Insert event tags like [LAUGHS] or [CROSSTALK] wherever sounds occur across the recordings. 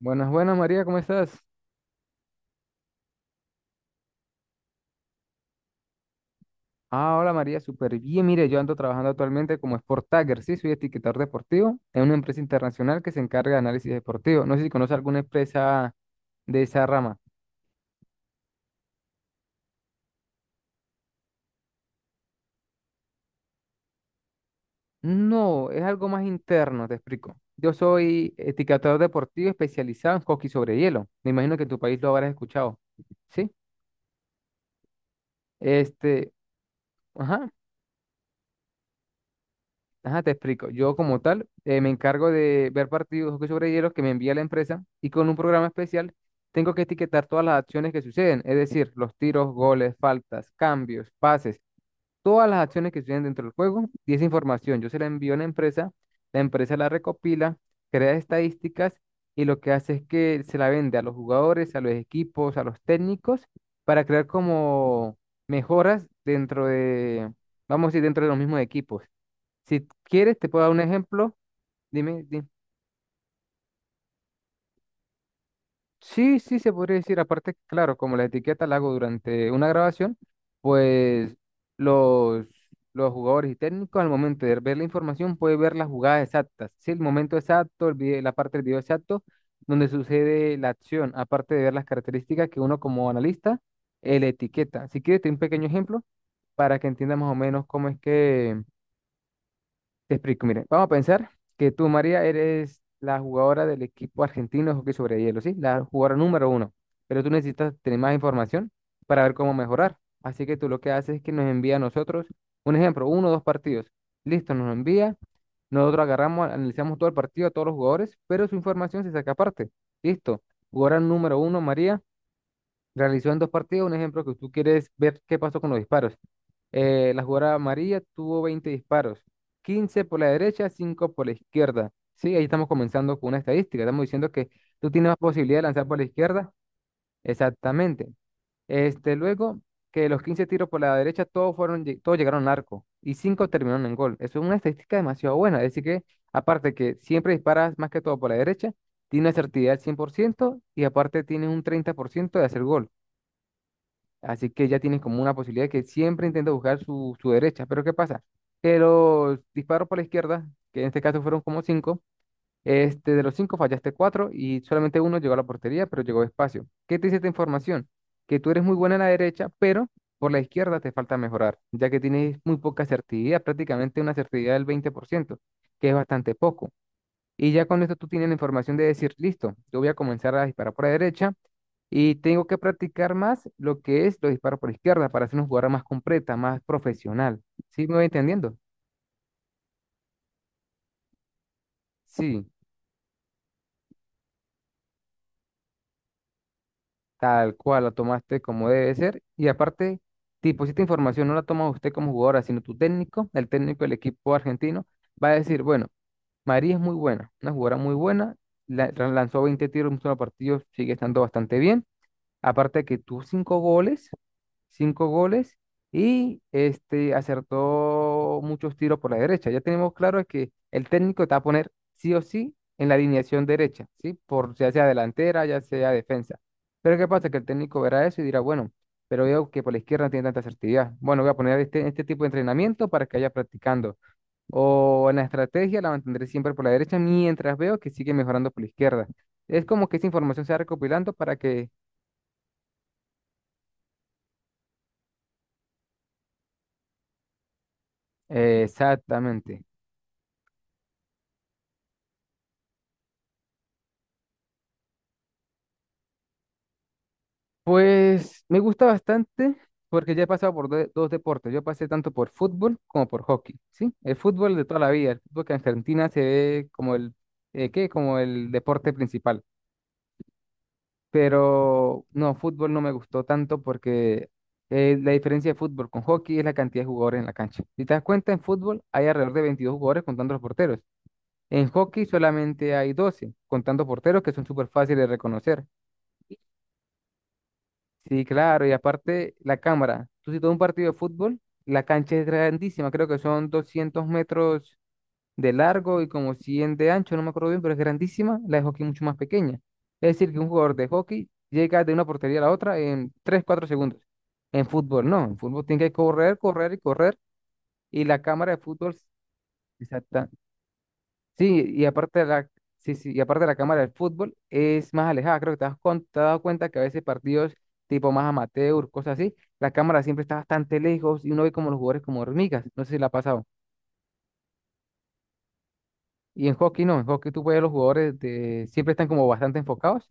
Buenas, buenas María, ¿cómo estás? Ah, hola María, súper bien. Mire, yo ando trabajando actualmente como Sport Tagger, sí, soy etiquetador deportivo en una empresa internacional que se encarga de análisis deportivo. No sé si conoce alguna empresa de esa rama. No, es algo más interno, te explico. Yo soy etiquetador deportivo especializado en hockey sobre hielo. Me imagino que en tu país lo habrás escuchado, ¿sí? Este, ajá, ajá, te explico. Yo como tal me encargo de ver partidos de hockey sobre hielo que me envía la empresa y con un programa especial tengo que etiquetar todas las acciones que suceden, es decir, los tiros, goles, faltas, cambios, pases, todas las acciones que suceden dentro del juego, y esa información yo se la envío a la empresa, la empresa la recopila, crea estadísticas y lo que hace es que se la vende a los jugadores, a los equipos, a los técnicos para crear como mejoras dentro de, vamos a decir, dentro de los mismos equipos. Si quieres, te puedo dar un ejemplo. Dime, dime. Sí, sí, se podría decir. Aparte, claro, como la etiqueta la hago durante una grabación, pues los, los jugadores y técnicos al momento de ver la información pueden ver las jugadas exactas. Sí, el momento exacto, la parte del video exacto donde sucede la acción, aparte de ver las características que uno como analista le etiqueta. Si quieres, te doy un pequeño ejemplo para que entiendas más o menos cómo es que... Te explico, mire, vamos a pensar que tú, María, eres la jugadora del equipo argentino de hockey sobre hielo, ¿sí? La jugadora número uno, pero tú necesitas tener más información para ver cómo mejorar. Así que tú lo que haces es que nos envía a nosotros, un ejemplo, uno o dos partidos. Listo, nos lo envía, nosotros agarramos, analizamos todo el partido, a todos los jugadores, pero su información se saca aparte. Listo, jugadora número uno, María, realizó en dos partidos, un ejemplo que tú quieres ver qué pasó con los disparos. La jugada amarilla tuvo 20 disparos, 15 por la derecha, 5 por la izquierda. Sí, ahí estamos comenzando con una estadística. Estamos diciendo que tú tienes más posibilidad de lanzar por la izquierda. Exactamente. Luego que los 15 tiros por la derecha, todos fueron, todos llegaron al arco y 5 terminaron en gol. Eso es una estadística demasiado buena. Es decir que, aparte que siempre disparas más que todo por la derecha, tiene una certidumbre al 100% y aparte tiene un 30% de hacer gol. Así que ya tienen como una posibilidad de que siempre intenta buscar su derecha. Pero ¿qué pasa? Que los disparos por la izquierda, que en este caso fueron como cinco, de los cinco fallaste cuatro y solamente uno llegó a la portería, pero llegó despacio. ¿Qué te dice esta información? Que tú eres muy buena en la derecha, pero por la izquierda te falta mejorar, ya que tienes muy poca certidumbre, prácticamente una certidumbre del 20%, que es bastante poco. Y ya con esto tú tienes la información de decir, listo, yo voy a comenzar a disparar por la derecha y tengo que practicar más lo que es los disparos por izquierda para ser una jugadora más completa, más profesional. ¿Sí me voy entendiendo? Sí, tal cual, la tomaste como debe ser. Y aparte, tipo, si esta información no la toma usted como jugadora, sino tu técnico, el técnico del equipo argentino, va a decir, bueno, María es muy buena, una jugadora muy buena, lanzó 20 tiros en un solo partido, sigue estando bastante bien. Aparte de que tus cinco goles, y acertó muchos tiros por la derecha. Ya tenemos claro que el técnico te va a poner sí o sí en la alineación derecha, ¿sí? Por ya sea delantera, ya sea defensa. Pero ¿qué pasa? Que el técnico verá eso y dirá, bueno, pero veo que por la izquierda no tiene tanta asertividad. Bueno, voy a poner este tipo de entrenamiento para que vaya practicando. O en la estrategia la mantendré siempre por la derecha mientras veo que sigue mejorando por la izquierda. Es como que esa información se va recopilando para que... Exactamente. Pues me gusta bastante porque ya he pasado por dos deportes. Yo pasé tanto por fútbol como por hockey, ¿sí? El fútbol de toda la vida, el fútbol que en Argentina se ve como el, ¿qué? Como el deporte principal. Pero no, fútbol no me gustó tanto porque la diferencia de fútbol con hockey es la cantidad de jugadores en la cancha. Si te das cuenta, en fútbol hay alrededor de 22 jugadores contando los porteros. En hockey solamente hay 12 contando porteros, que son súper fáciles de reconocer. Sí, claro, y aparte la cámara. Tú si todo un partido de fútbol, la cancha es grandísima, creo que son 200 metros de largo y como 100 de ancho, no me acuerdo bien, pero es grandísima, la de hockey mucho más pequeña. Es decir, que un jugador de hockey llega de una portería a la otra en 3 4 segundos. En fútbol no, en fútbol tiene que correr, correr y correr, y la cámara de fútbol... Sí, sí, sí, y aparte de la cámara del fútbol es más alejada. Creo que te has dado cuenta que a veces partidos tipo más amateur, cosas así, la cámara siempre está bastante lejos y uno ve como los jugadores como hormigas. No sé si la ha pasado. Y en hockey no, en hockey tú ves a los jugadores de, siempre están como bastante enfocados.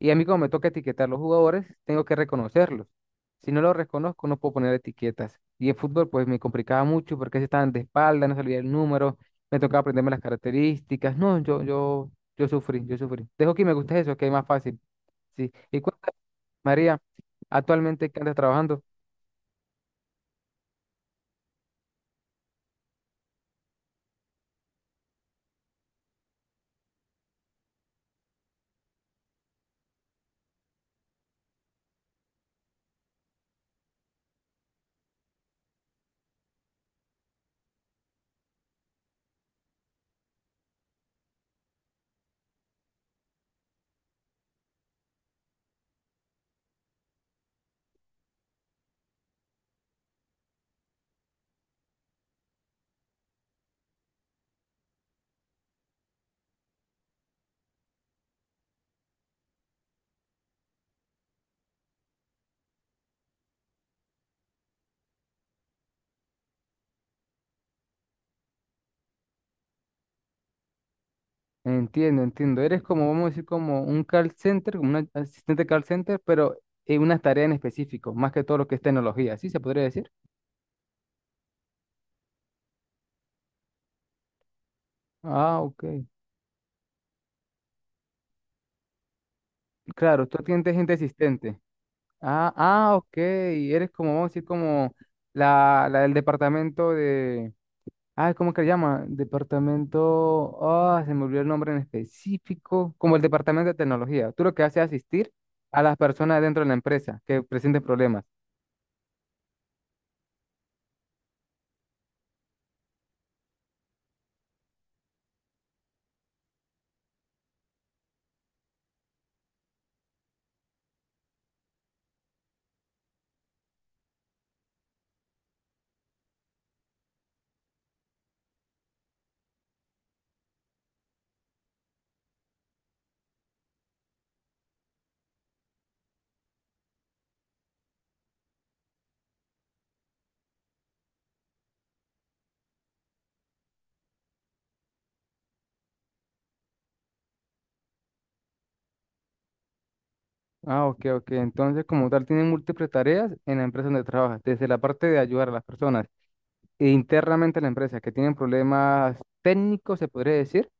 Y a mí como me toca etiquetar los jugadores, tengo que reconocerlos. Si no los reconozco, no puedo poner etiquetas. Y en fútbol, pues me complicaba mucho porque se estaban de espalda, no salía el número, me tocaba aprenderme las características. No, yo sufrí, yo sufrí. Dejo que me guste eso, que es más fácil. Sí. Y cuéntame, María, actualmente qué andas trabajando. Entiendo, entiendo. Eres como, vamos a decir, como un call center, como un asistente call center, pero en una tarea en específico, más que todo lo que es tecnología. ¿Sí se podría decir? Ah, ok. Claro, tú tienes gente asistente. Ah, ah, ok. Eres como, vamos a decir, como la del departamento de. Ah, ¿cómo que le llama? Departamento. Ah, se me olvidó el nombre en específico. Como el departamento de tecnología. Tú lo que haces es asistir a las personas dentro de la empresa que presenten problemas. Ah, ok, ok. Entonces, como tal, tienen múltiples tareas en la empresa donde trabajas, desde la parte de ayudar a las personas e internamente a la empresa que tienen problemas técnicos, se podría decir.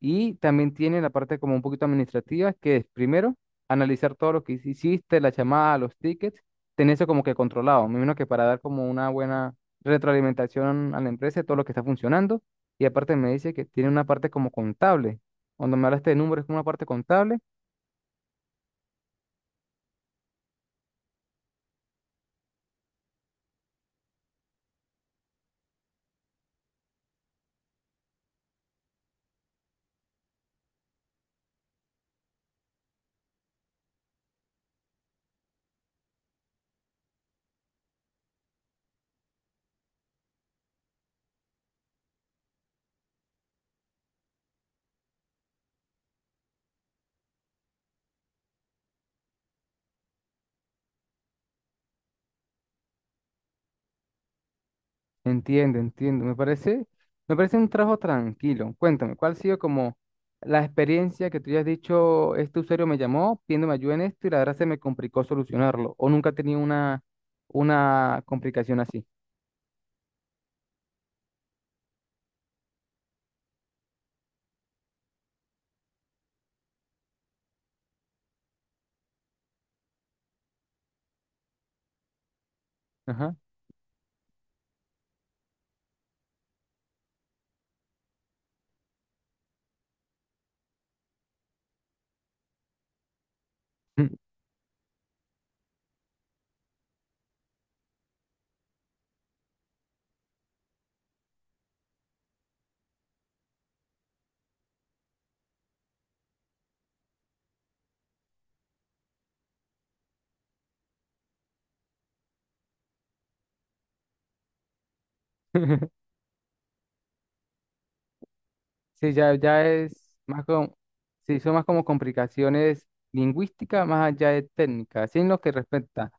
Y también tiene la parte como un poquito administrativa, que es primero analizar todo lo que hiciste, la llamada, los tickets, tener eso como que controlado. Me imagino que para dar como una buena retroalimentación a la empresa de todo lo que está funcionando. Y aparte me dice que tiene una parte como contable. Cuando me hablaste de números, es como una parte contable. Entiendo, entiendo. Me parece un trabajo tranquilo. Cuéntame, ¿cuál ha sido como la experiencia que tú ya has dicho, este usuario me llamó pidiéndome ayuda en esto y la verdad se me complicó solucionarlo? ¿O nunca he tenido una, complicación así? Ajá. [LAUGHS] Sí, ya, ya es más como, sí, son más como complicaciones lingüísticas más allá de técnicas. Sí, en lo que respecta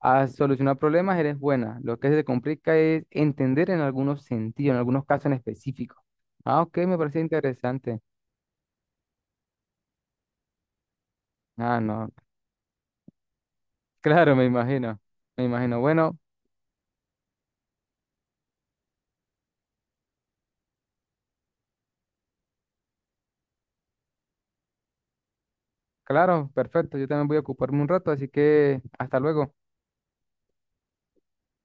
a solucionar problemas, eres buena. Lo que se te complica es entender en algunos sentidos, en algunos casos en específico. Ah, ok, me parece interesante. Ah, no. [LAUGHS] Claro, me imagino. Me imagino. Bueno, claro, perfecto. Yo también voy a ocuparme un rato, así que hasta luego.